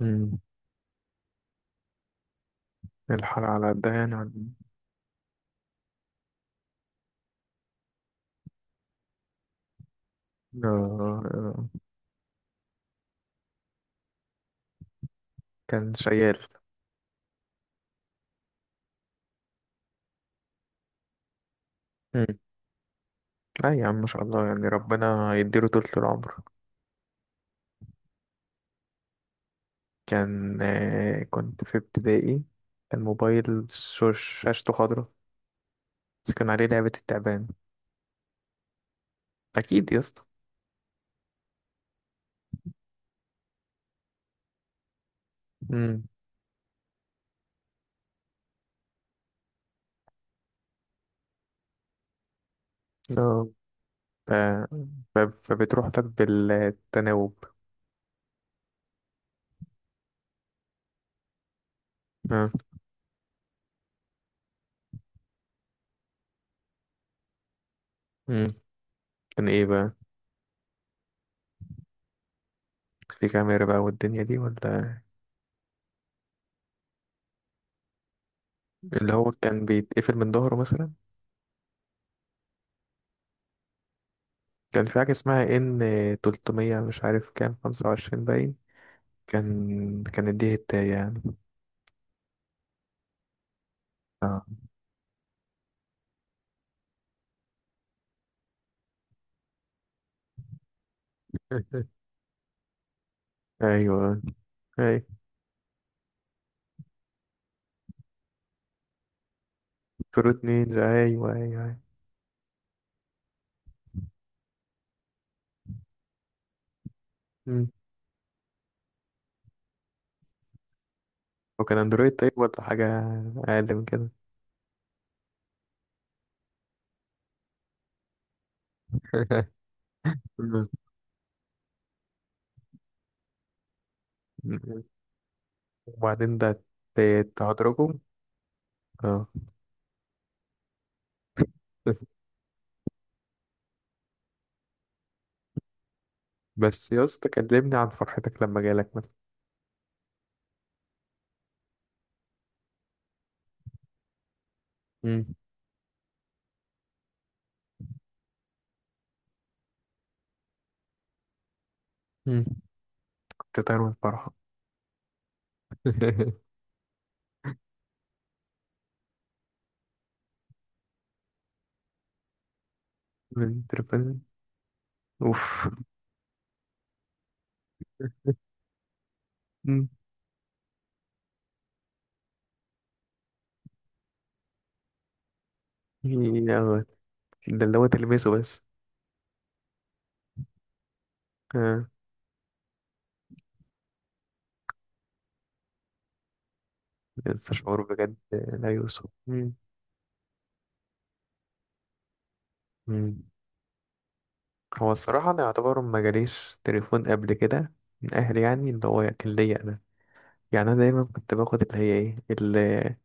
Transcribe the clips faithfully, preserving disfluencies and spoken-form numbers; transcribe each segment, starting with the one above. مم. الحلقة على قدها يعني عن- آه. آه. كان شيال. مم. لا يا عم، ما شاء الله، يعني ربنا يديله طول العمر. كان آه، كنت في ابتدائي. كان موبايل شو- شاشته خضرا. بس كان عليه لعبة التعبان. أكيد يا اسطى. مم. آه. ف... ف... فبتروح لك بالتناوب. آه. مم. كان ايه بقى؟ في كاميرا بقى والدنيا دي ولا؟ اللي هو كان بيتقفل من ظهره مثلا. كان في حاجة اسمها ان تلتمية، مش عارف كام، خمسة وعشرين باين. كان كانت دي هتاية يعني. اه. ايوه، اي، فروت نينجا، ايوه ايوه ايوه. مم. وكان اندرويد طيب ولا حاجة؟ اقل من كده؟ مم. مم. وبعدين ده، ت- تهدرجه. اه. بس يا اسطى كلمني عن فرحتك لما جالك مثلا. مم. مم. كنت طاير من الفرحة. من التليفون. اوف. مم. يا ده اللي هو تلمسه بس. آه. لسه شعور بجد لا يوصف. مم. مم. هو الصراحة أنا يعتبر ما جاليش تليفون قبل كده من أهلي، يعني اللي هو كان ليا أنا. يعني أنا دايما كنت باخد اللي هي إيه اللي،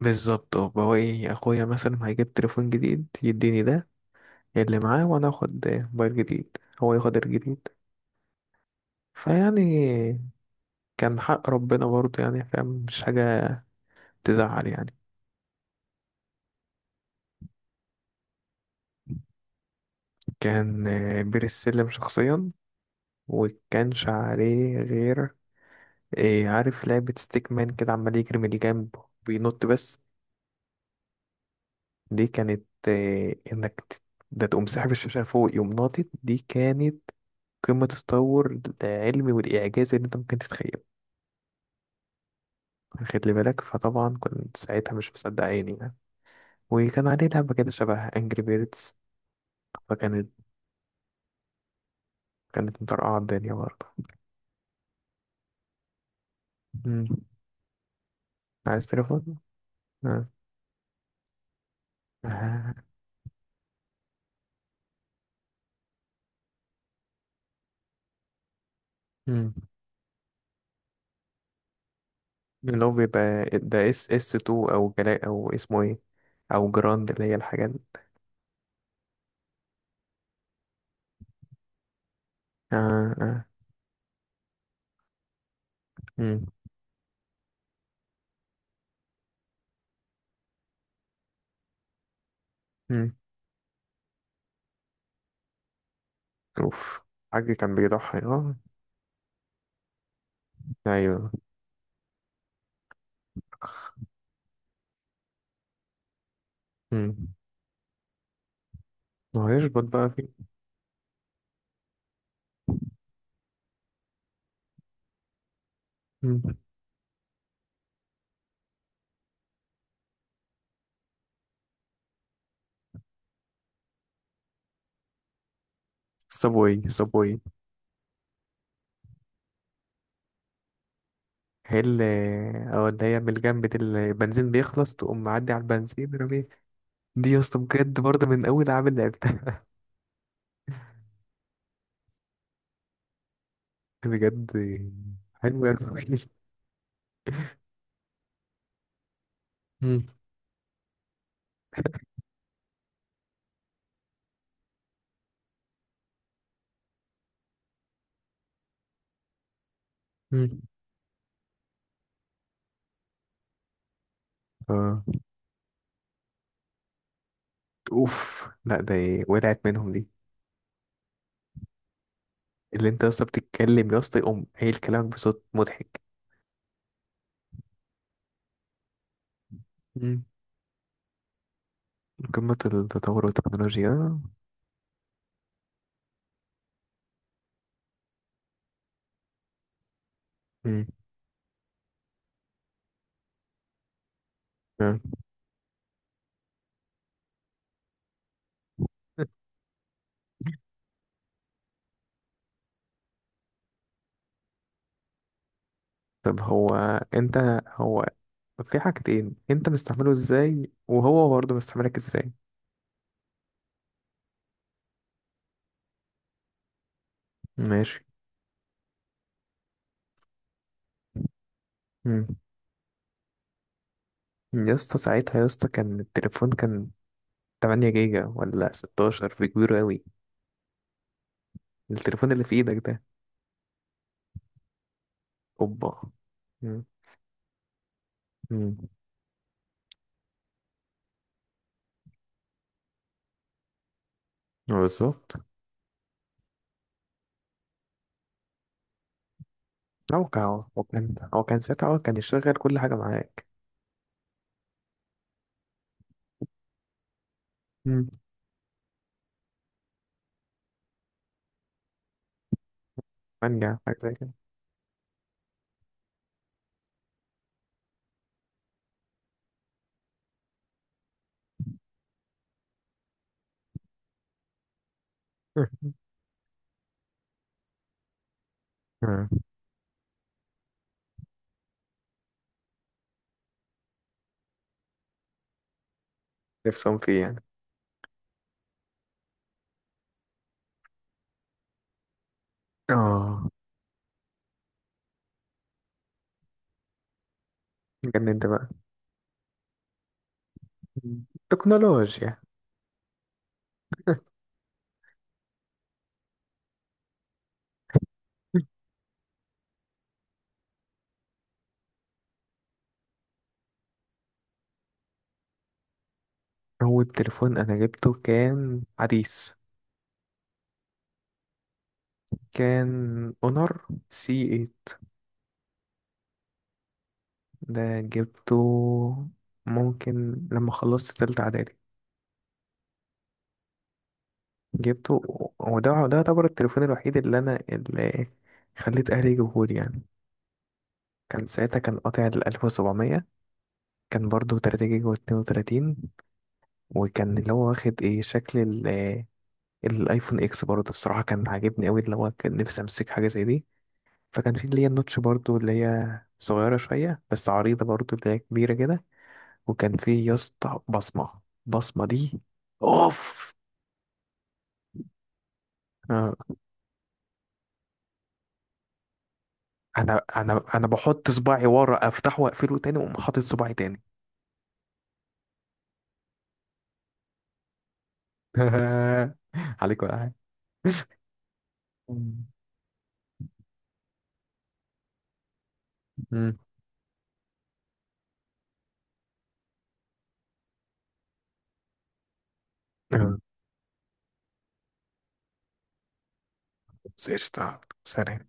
بالظبط، اللي هو إيه، أخويا مثلا هيجيب تليفون جديد يديني ده اللي معاه وأنا آخد موبايل جديد، هو ياخد الجديد. فيعني كان حق ربنا برضه، يعني فاهم، مش حاجة تزعل يعني. كان بير السلم شخصيا. وكانش عليه غير إيه، عارف لعبة ستيك مان كده عمال يجري من جنب وبينط بس. دي كانت إيه إنك ت- ده، تقوم ساحب الشاشة فوق يقوم ناطط. دي كانت قمة التطور العلمي والإعجاز اللي أنت ممكن تتخيله. خد لي بالك، فطبعا كنت ساعتها مش مصدق عيني يعني. وكان عليه لعبة كده شبه أنجري بيردز. فكانت كانت مطرقعة الدنيا برضه. مم. عايز تليفون؟ آه. آه. مم. اللي هو بيبقى ده اس اس تو، أو جلاء، أو اسمه إيه، أو جراند، اللي هي الحاجات. آه. آه. مم. مم. أوف. حاج كان بيضحي، اه. أيوه. مم. ما هو يشبط بقى في. مم. صابوي صابوي. هي اللي، اه اللي هي من الجنب دي، اللي البنزين بيخلص تقوم معدي على البنزين رمي. دي يا اسطى بجد برضه من أول أعمل لعبتها. بجد. حلو أوي. مم. مم. اه. أوف، لا ده إيه، وقعت منهم دي. اللي انت يا اسطى بتتكلم يا اسطى يقوم قايل كلامك بصوت مضحك. مم. قمة التطور والتكنولوجيا. مم. طب هو انت هو في حاجتين انت مستعمله ازاي وهو برضه مستعملك ازاي؟ ماشي. مم. يا اسطى ساعتها، يا اسطى، كان التليفون كان تمانية جيجا ولا ستاشر، في كبير قوي؟ التليفون اللي في ايدك ده. اوبا. مم. مم. بالظبط. هو كان هو كان هو كان ساعتها هو كان يشغل كل حاجة معاك. مم. منجع حاجة زي كده. مم. نفسهم فيه يعني. اه. جنن ده بقى. مم. تكنولوجيا. هو التليفون انا جبته كان حديث. كان اونر سي تمانية. ده جبته، ممكن لما خلصت تالتة اعدادي، جبته. وده ده يعتبر التليفون الوحيد اللي انا اللي خليت اهلي يجيبهولي يعني. كان ساعتها كان قاطع ال ألف وسبعمية. كان برضه ثلاثة جيجا و اتنين وتلاتين. وكان اللي هو واخد ايه شكل ال- الايفون اكس برضه. الصراحة كان عاجبني قوي، اللي هو كان نفسي امسك حاجة زي دي. فكان في اللي هي النوتش برضو، اللي هي صغيرة شوية بس عريضة برضو، اللي هي كبيرة كده. وكان في يا اسطى بصمة. البصمة دي، اوف. آه. انا انا انا بحط صباعي ورا افتحه واقفله تاني واقوم حاطط صباعي تاني. عليك ولا حاجة. مم. مم. آه. بس قشطة. سلام.